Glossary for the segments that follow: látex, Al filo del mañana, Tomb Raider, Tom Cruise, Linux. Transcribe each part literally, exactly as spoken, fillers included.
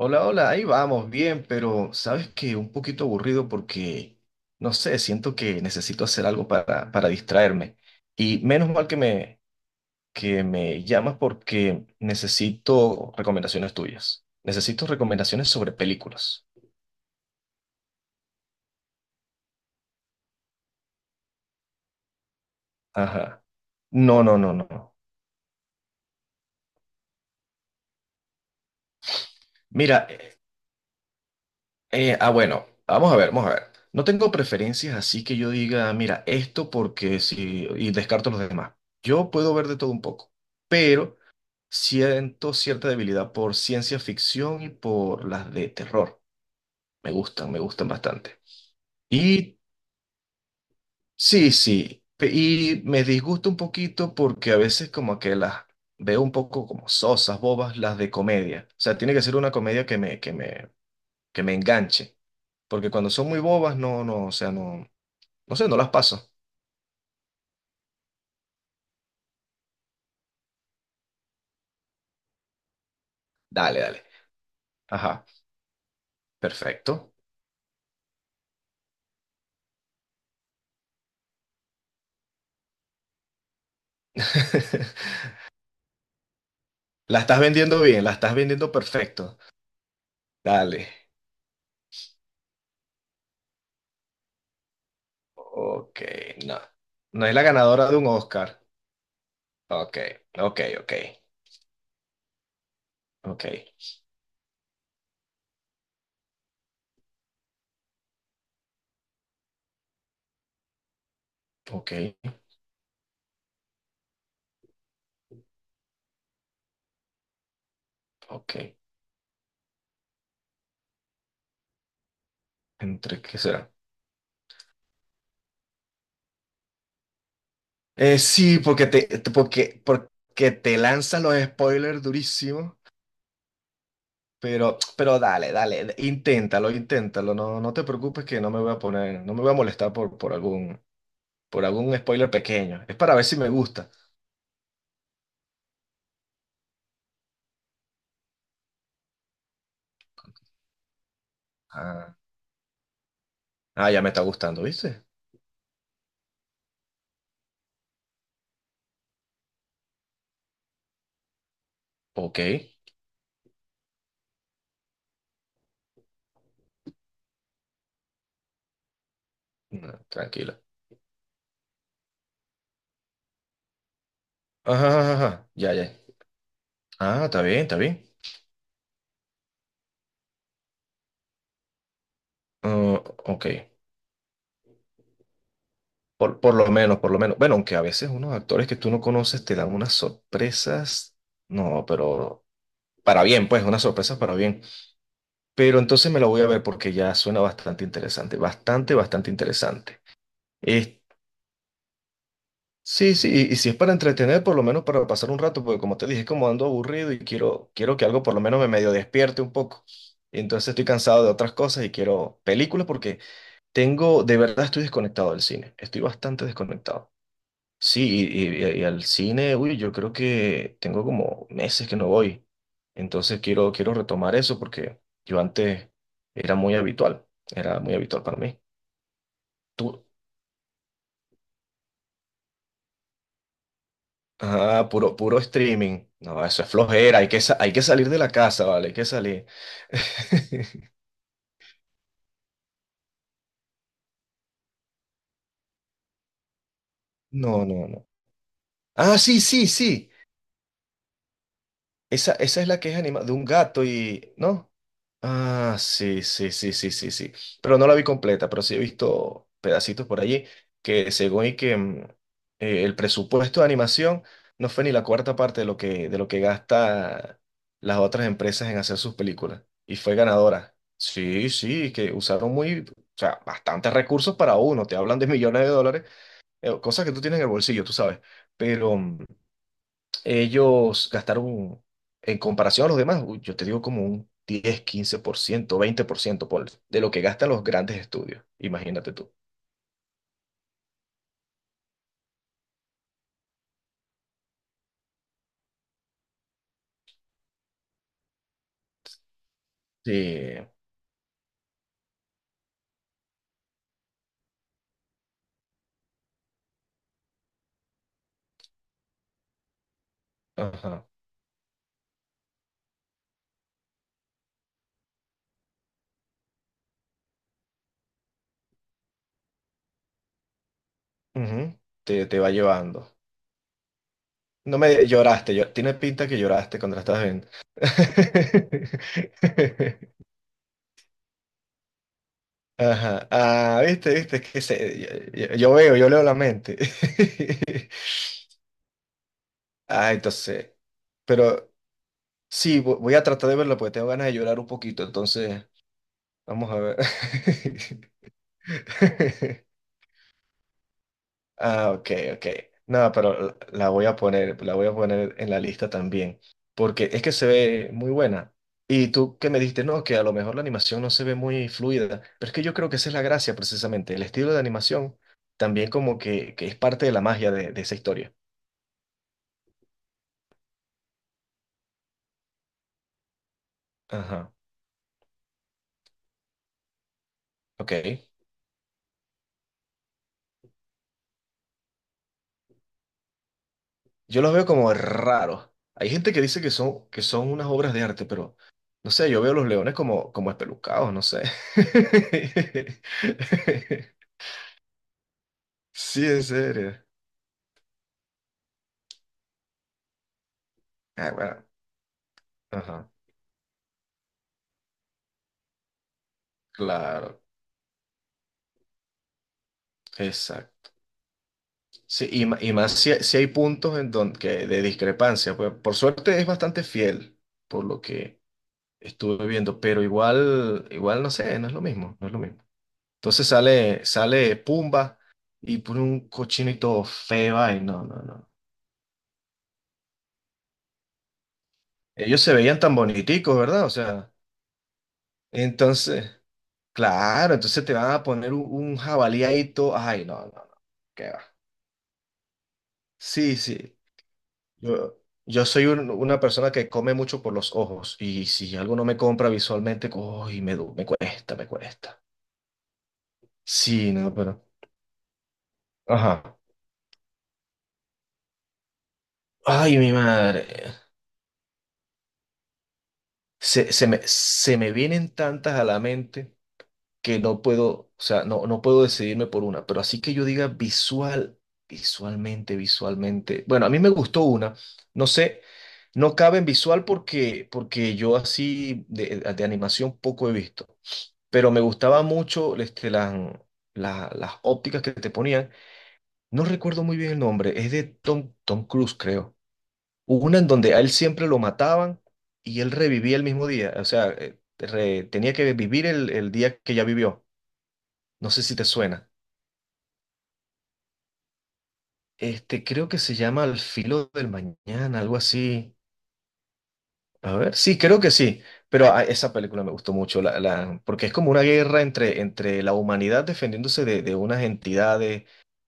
Hola, hola, ahí vamos, bien, pero sabes que un poquito aburrido porque, no sé, siento que necesito hacer algo para, para distraerme. Y menos mal que me, que me llamas porque necesito recomendaciones tuyas. Necesito recomendaciones sobre películas. Ajá. No, no, no, no. Mira, eh, eh, ah, bueno, vamos a ver, vamos a ver. No tengo preferencias, así que yo diga, mira, esto porque sí, y descarto los demás. Yo puedo ver de todo un poco, pero siento cierta debilidad por ciencia ficción y por las de terror. Me gustan, me gustan bastante. Y sí, sí. pe- Y me disgusta un poquito porque a veces como que las veo un poco como sosas, bobas, las de comedia. O sea, tiene que ser una comedia que me, que me, que me enganche. Porque cuando son muy bobas, no, no, o sea, no, no sé, no las paso. Dale, dale. Ajá, perfecto. La estás vendiendo bien, la estás vendiendo perfecto. Dale. Ok, no. No es la ganadora de un Oscar. Ok, ok, ok, ok, ok, ok. ¿Entre qué será? Eh, sí, porque te, te- porque, porque te lanzan los spoilers durísimos, pero, pero dale, dale, inténtalo, inténtalo. No, no te preocupes que no me voy a poner, no me voy a molestar por, por algún, por algún spoiler pequeño. Es para ver si me gusta. Ah, ah, ya me está gustando, ¿viste? Ok, no, tranquilo. Ajá, ajá, ajá, ya, ya. Ah, está bien, está bien. Ah, ok, por, por lo menos, por lo menos. Bueno, aunque a veces unos actores que tú no conoces te dan unas sorpresas, no, pero para bien, pues, unas sorpresas para bien. Pero entonces me la voy a ver porque ya suena bastante interesante, bastante, bastante interesante. Eh, sí, sí, y, y si es para entretener, por lo menos para pasar un rato, porque como te dije, como ando aburrido y quiero, quiero que algo por lo menos me medio despierte un poco. Y entonces estoy cansado de otras cosas y quiero películas porque tengo, de verdad estoy desconectado del cine, estoy bastante desconectado. Sí, y, y- y al cine, uy, yo creo que tengo como meses que no voy. Entonces quiero, quiero retomar eso porque yo antes era muy habitual, era muy habitual para mí. Tú, ah, puro, puro streaming. No, eso es flojera, hay que, sa- hay que salir de la casa, ¿vale? Hay que salir. No, no, no. Ah, sí, sí, sí. Esa, esa es la que es animada, de un gato y ¿no? Ah, sí, sí, sí, sí, sí, sí. Pero no la vi completa, pero sí he visto pedacitos por allí que según y que mm, eh, el presupuesto de animación no fue ni la cuarta parte de lo que, de lo que gasta las otras empresas en hacer sus películas. Y fue ganadora. Sí, sí, que usaron muy, o sea, bastantes recursos para uno. Te hablan de millones de dólares, eh, cosas que tú tienes en el bolsillo, tú sabes. Pero mm, ellos gastaron, en comparación a los demás, uy, yo te digo como un diez, quince por ciento, veinte por ciento por, ciento por, de lo que gastan los grandes estudios. Imagínate tú. Sí, ajá. Ujú, Te, te va llevando. No me lloraste, yo- tiene pinta que lloraste cuando la estabas viendo. Ajá. Ah, viste, viste, es que se- yo, yo- yo veo, yo leo la mente. Ah, entonces, pero sí, vo- voy a tratar de verla porque tengo ganas de llorar un poquito, entonces vamos a ver. Ah, ok, ok. No, pero la la voy a poner, la voy a poner en la lista también, porque es que se ve muy buena. Y tú que me dijiste, no, que a lo mejor la animación no se ve muy fluida, pero es que yo creo que esa es la gracia precisamente, el estilo de animación también como que, que es parte de la magia de, de esa historia. Ajá, ok. Yo los veo como raros. Hay gente que dice que son, que son unas obras de arte, pero no sé, yo veo los leones como, como espelucados, no sé. Sí, en serio. Ah, bueno. Ajá. Claro, exacto. Sí, y, ma- y más si, si hay puntos en donde que de discrepancia, pues por suerte es bastante fiel por lo que estuve viendo, pero igual, igual no sé, no es lo mismo, no es lo mismo. Entonces sale, sale Pumba y pone un cochino y todo feo. Ay, no, no, no. Ellos se veían tan boniticos, ¿verdad? O sea, entonces, claro, entonces te van a poner un, un jabalí ahí todo. Ay, no, no, no. ¿Qué va? Sí, sí. Yo, yo soy un- una persona que come mucho por los ojos y si algo no me compra visualmente, uy, me, du- me cuesta, me cuesta. Sí, no, pero ajá. Ay, mi madre. Se, se me, se me vienen tantas a la mente que no puedo, o sea, no, no puedo decidirme por una, pero así que yo diga visual, visualmente, visualmente. Bueno, a mí me gustó una, no sé, no cabe en visual porque, porque yo así de, de animación poco he visto, pero me gustaba mucho este, la- la- las ópticas que te ponían. No recuerdo muy bien el nombre, es de Tom, Tom Cruise, creo. Hubo una en donde a él siempre lo mataban y él revivía el mismo día, o sea, eh, re- tenía que vivir el el día que ya vivió. No sé si te suena. Este, creo que se llama Al filo del mañana, algo así. A ver, sí, creo que sí. Pero ah, esa película me gustó mucho, la, la- porque es como una guerra entre, entre la humanidad defendiéndose de, de unas entidades.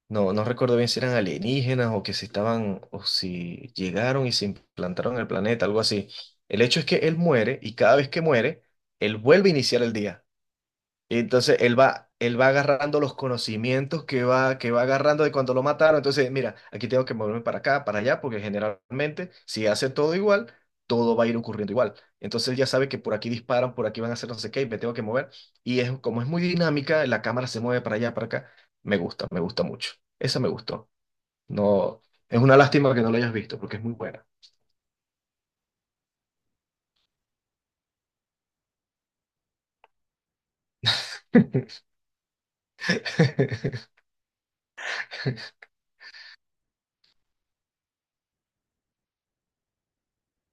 No, no recuerdo bien si eran alienígenas o que si estaban, o si llegaron y se implantaron en el planeta, algo así. El hecho es que él muere y cada vez que muere, él vuelve a iniciar el día. Y entonces él va, él va agarrando los conocimientos que va, que va agarrando de cuando lo mataron. Entonces, mira, aquí tengo que moverme para acá, para allá, porque generalmente si hace todo igual, todo va a ir ocurriendo igual. Entonces él ya sabe que por aquí disparan, por aquí van a hacer no sé qué, y me tengo que mover. Y es, como es muy dinámica, la cámara se mueve para allá, para acá. Me gusta, me gusta mucho. Esa me gustó. No, es una lástima que no la hayas visto, porque es muy buena.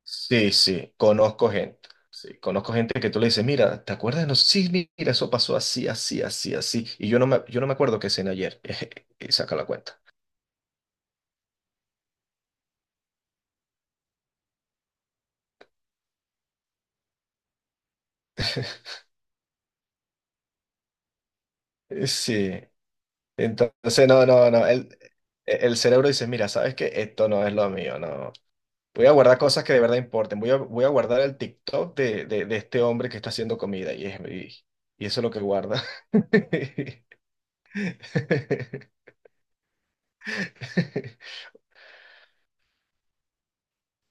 Sí, sí, conozco gente. Sí, conozco gente que tú le dices, mira, ¿te acuerdas? No, sí, mi- mira, eso pasó así, así, así, así. Y yo no me, yo no me acuerdo qué cené ayer. Y saca la cuenta. Sí. Entonces, no, no, no. El, el cerebro dice, mira, ¿sabes qué? Esto no es lo mío, no. Voy a guardar cosas que de verdad importen. Voy a, voy a guardar el TikTok de, de, de este hombre que está haciendo comida. Y, es, y, y eso es lo que guarda.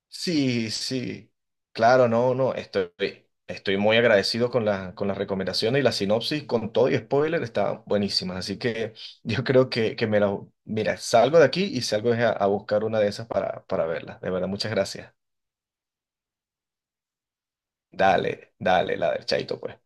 Sí, sí, claro, no, no, estoy, estoy muy agradecido con la, con las recomendaciones y la sinopsis, con todo y spoiler, está buenísima, así que yo creo que, que me la, mira, salgo de aquí y salgo es a, a buscar una de esas para, para verla, de verdad, muchas gracias. Dale, dale, la del chaito, pues.